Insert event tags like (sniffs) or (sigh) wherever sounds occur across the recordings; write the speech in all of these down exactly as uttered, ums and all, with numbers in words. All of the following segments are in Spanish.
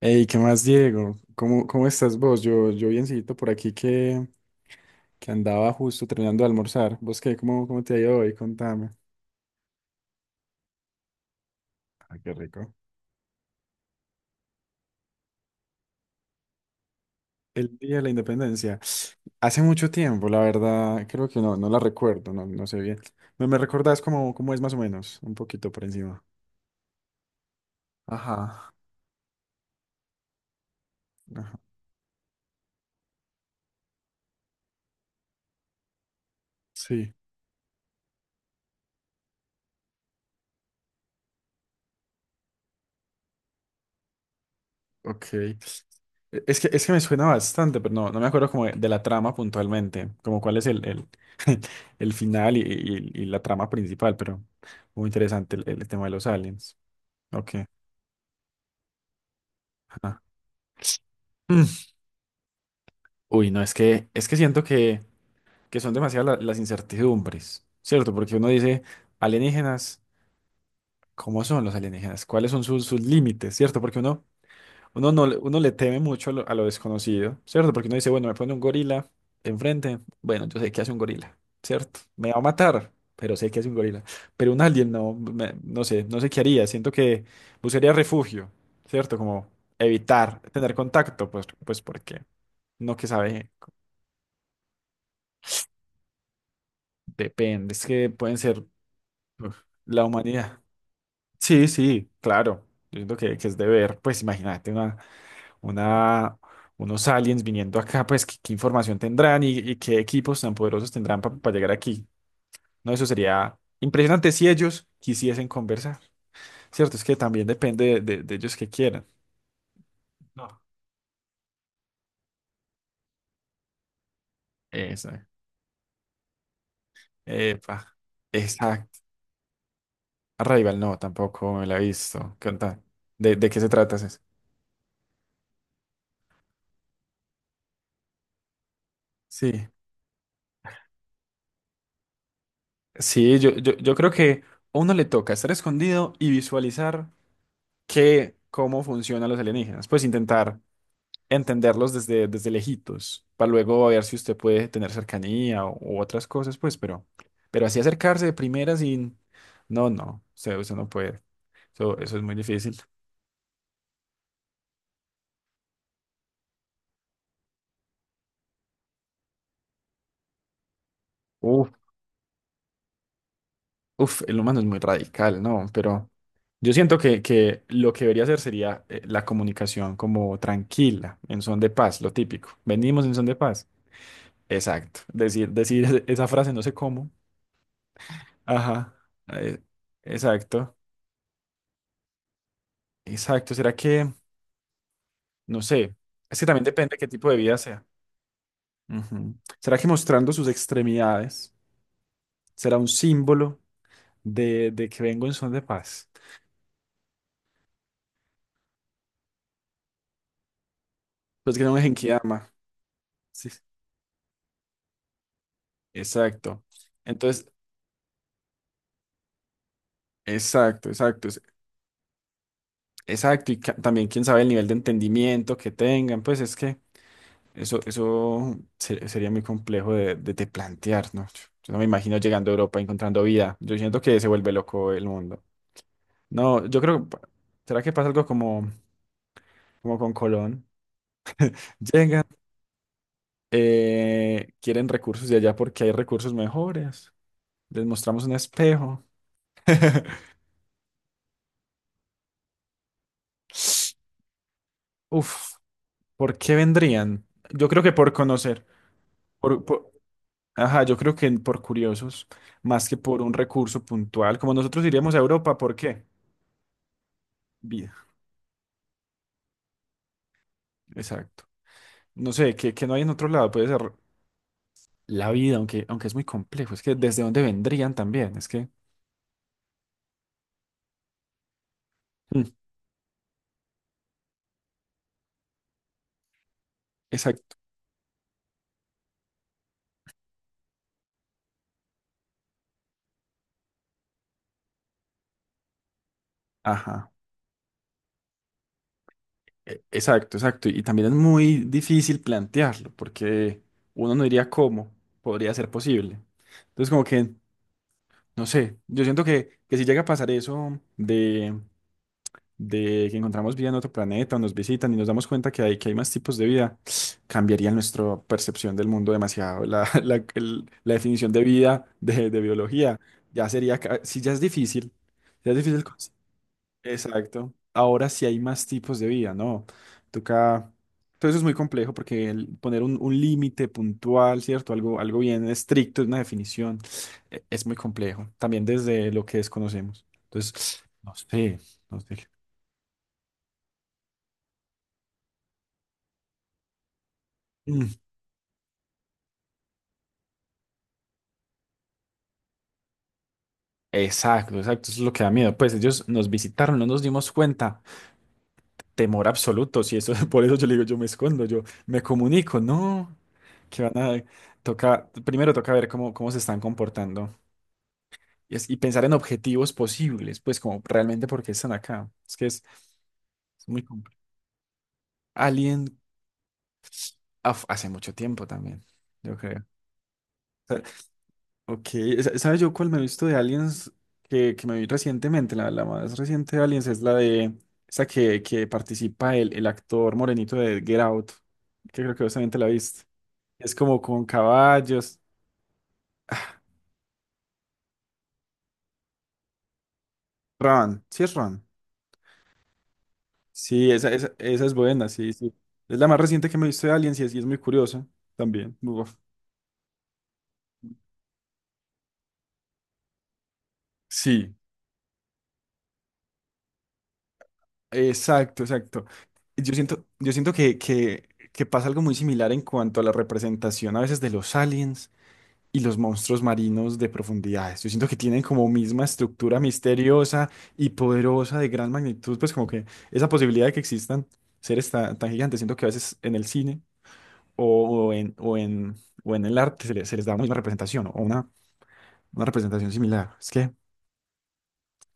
Hey, ¿qué más, Diego? ¿Cómo, cómo estás vos? Yo, yo biencito por aquí que, que andaba justo terminando de almorzar. ¿Vos qué? ¿Cómo, cómo te ha ido hoy? Contame. Ah, qué rico. El Día de la Independencia. Hace mucho tiempo, la verdad, creo que no, no la recuerdo, no, no sé bien. ¿Me, me recordás cómo, cómo es más o menos? Un poquito por encima. Ajá. Ajá. Sí. Ok. E, Es que, es que me suena bastante, pero no, no me acuerdo como de, de la trama puntualmente, como cuál es el, el, (laughs) el final y, y- y la trama principal, pero muy interesante el, el tema de los aliens. Ok. Ajá. Mm. Uy, no, es que, es que siento que, que son demasiadas la- las incertidumbres, ¿cierto? Porque uno dice, alienígenas, ¿cómo son los alienígenas? ¿Cuáles son sus, sus límites? ¿Cierto? Porque uno. Uno, no, le- uno le teme mucho a lo, a lo, desconocido, ¿cierto? Porque uno dice, bueno, me pone un gorila enfrente, bueno, yo sé qué hace un gorila, ¿cierto? Me va a matar, pero sé qué hace un gorila. Pero un alien no, me- no sé, no sé, qué haría, siento que buscaría refugio, ¿cierto? Como evitar tener contacto, pues, pues porque no que sabe, depende, es que pueden ser uf, la humanidad. Sí, sí, claro, yo siento que, que es deber, pues imagínate una... una, unos aliens viniendo acá, pues qué, qué información tendrán y, y qué equipos tan poderosos tendrán para llegar aquí. No, eso sería impresionante si ellos quisiesen conversar. Cierto, es que también depende de, de- de ellos que quieran. No. Esa. Epa. Exacto. Arrival no, tampoco me la he visto. ¿Qué onda? ¿De, de qué se trata ese? Sí. Sí, yo, yo, yo creo que a uno le toca estar escondido y visualizar que, cómo funcionan los alienígenas. Pues intentar entenderlos desde, desde lejitos, para luego ver si usted puede tener cercanía o, u otras cosas, pues, pero, pero así acercarse de primera sin... No, no, usted, usted no puede. Eso, eso es muy difícil. Uf, uf, el humano es muy radical, ¿no? Pero yo siento que, que lo que debería hacer sería eh, la comunicación como tranquila, en son de paz, lo típico. Venimos en son de paz. Exacto. Decir, decir es- esa frase, no sé cómo. Ajá. eh, exacto. Exacto. ¿Será que... No sé, es que también depende qué tipo de vida sea. Ujú. ¿Será que mostrando sus extremidades será un símbolo de, de que vengo en son de paz? Pues que no me Genkidama. Sí, sí. Exacto. Entonces, exacto, exacto, es- exacto. Y ca- también quién sabe el nivel de entendimiento que tengan, pues es que eso, eso se- sería muy complejo de, de, de plantear, ¿no? Yo no me imagino llegando a Europa encontrando vida. Yo siento que se vuelve loco el mundo. No, yo creo, ¿será que pasa algo como, como con Colón? Llegan, eh, quieren recursos de allá porque hay recursos mejores. Les mostramos un espejo. (laughs) Uf, ¿por qué vendrían? Yo creo que por conocer, por, por- ajá, yo creo que por curiosos, más que por un recurso puntual. Como nosotros iríamos a Europa, ¿por qué? Vida, exacto. No sé, que, que no hay en otro lado, puede ser la vida, aunque, aunque es muy complejo. Es que desde dónde vendrían también, es que, mm, exacto, ajá. E- Exacto, exacto. Y también es muy difícil plantearlo, porque uno no diría cómo podría ser posible. Entonces, como que, no sé, yo siento que, que si llega a pasar eso de, de que encontramos vida en otro planeta o nos visitan y nos damos cuenta que hay, que hay más tipos de vida, (sniffs) cambiaría nuestra percepción del mundo demasiado. La, (laughs) la, el- la definición de vida de, de biología ya sería, ca- si ya es difícil, ya es difícil Exacto. Ahora sí hay más tipos de vida, ¿no? Toca. Todo eso es muy complejo porque el poner un, un límite puntual, ¿cierto? Algo, algo bien estricto, una definición, e- es muy complejo. También desde lo que desconocemos. Entonces, no sé, no sé. Mm, Exacto, exacto. Eso es lo que da miedo. Pues ellos nos visitaron, no nos dimos cuenta. Temor absoluto. Si eso, (laughs) por eso yo le digo, yo me escondo, yo me comunico. No, que van a. Toca, primero toca ver cómo, cómo se están comportando. Y, es- y pensar en objetivos posibles, pues como realmente por qué están acá. Es que es, es muy complejo. Alien af- hace mucho tiempo también, yo creo. Sa- Ok, sa- ¿sabes yo cuál me he visto de Aliens que, que me vi recientemente? La, la más reciente de Aliens es la de esa que, que participa el, el actor morenito de Get Out, que creo que vos también te la viste. Es como con caballos. Ah, Ron, sí es Ron. Sí, esa, esa, esa es buena, sí, sí. Es la más reciente que me he visto de Aliens y es, y es muy curiosa también. Uf. Sí, exacto, exacto. Yo siento, yo siento que, que, que pasa algo muy similar en cuanto a la representación a veces de los aliens y los monstruos marinos de profundidades. Yo siento que tienen como misma estructura misteriosa y poderosa de gran magnitud, pues como que esa posibilidad de que existan seres tan, tan gigantes, siento que a veces en el cine o, o en, o en, o en el arte se, le- se les da una misma representación o una una representación similar. Es que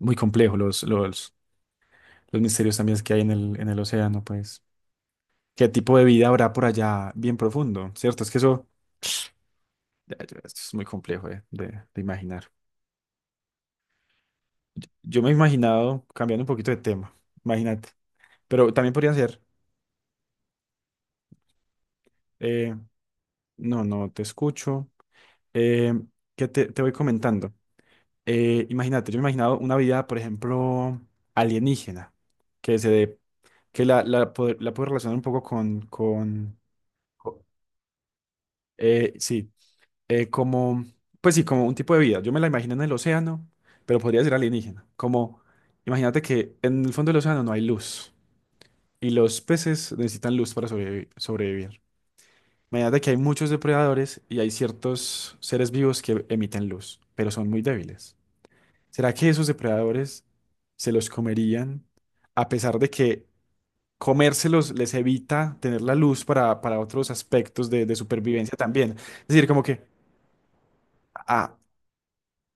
muy complejo los, los, los misterios también que hay en el, en el océano, pues. ¿Qué tipo de vida habrá por allá bien profundo? ¿Cierto? Es que eso, ya, ya, esto es muy complejo de, de- de imaginar. Yo, yo me he imaginado, cambiando un poquito de tema, imagínate. Pero también podría ser, eh, no, no, te escucho. Eh, ¿qué te, te voy comentando? Eh, imagínate, yo me he imaginado una vida, por ejemplo, alienígena, que se dé, que la, la, pod- la puedo relacionar un poco con, con. Eh, sí, eh, como, pues sí, como un tipo de vida. Yo me la imagino en el océano, pero podría ser alienígena. Como, imagínate que en el fondo del océano no hay luz y los peces necesitan luz para sobrevi- sobrevivir. Imagínate que hay muchos depredadores y hay ciertos seres vivos que emiten luz, pero son muy débiles. ¿Será que esos depredadores se los comerían a pesar de que comérselos les evita tener la luz para, para otros aspectos de, de supervivencia también? Es decir, como que... ah,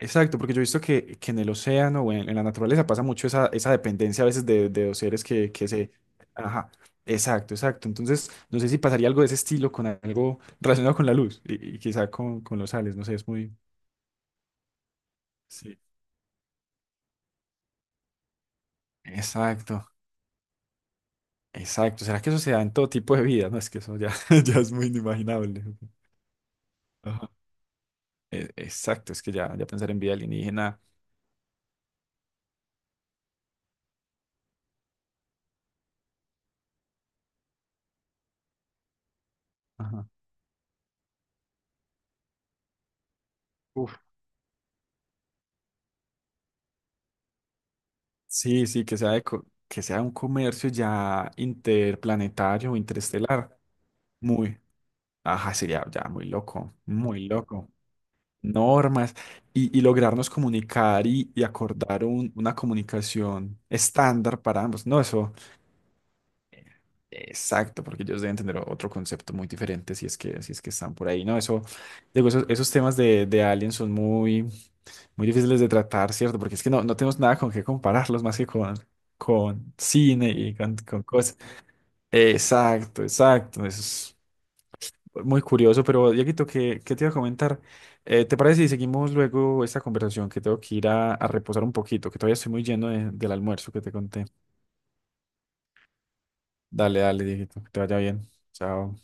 Exacto, porque yo he visto que, que en el océano o en, en la naturaleza pasa mucho esa, esa dependencia a veces de, de dos seres que, que se... Ajá, exacto, exacto. Entonces, no sé si pasaría algo de ese estilo con algo relacionado con la luz y, y quizá con, con los sales, no sé, es muy... Sí. Exacto, exacto. ¿Será que eso se da en todo tipo de vida? No, es que eso ya, (laughs) ya es muy inimaginable. Ajá. E- Exacto, es que ya, ya pensar en vida alienígena. Ajá. Uf. Sí, sí, que sea, de co- que sea un comercio ya interplanetario o interestelar. Muy, ajá, sería ya muy loco, muy loco. Normas y, y lograrnos comunicar y, y acordar un- una comunicación estándar para ambos. No, eso, exacto, porque ellos deben tener otro concepto muy diferente si es que, si es que están por ahí. No, eso, digo, esos, esos temas de, de aliens son muy, muy difíciles de tratar, ¿cierto? Porque es que no, no tenemos nada con qué compararlos más que con, con cine y con, con cosas. Exacto, exacto. Eso es. Muy curioso, pero Dieguito, ¿qué, qué te iba a comentar? Eh, ¿te parece si seguimos luego esta conversación? Que tengo que ir a, a reposar un poquito, que todavía estoy muy lleno de- del almuerzo que te conté. Dale, dale, Dieguito, que te vaya bien. Chao.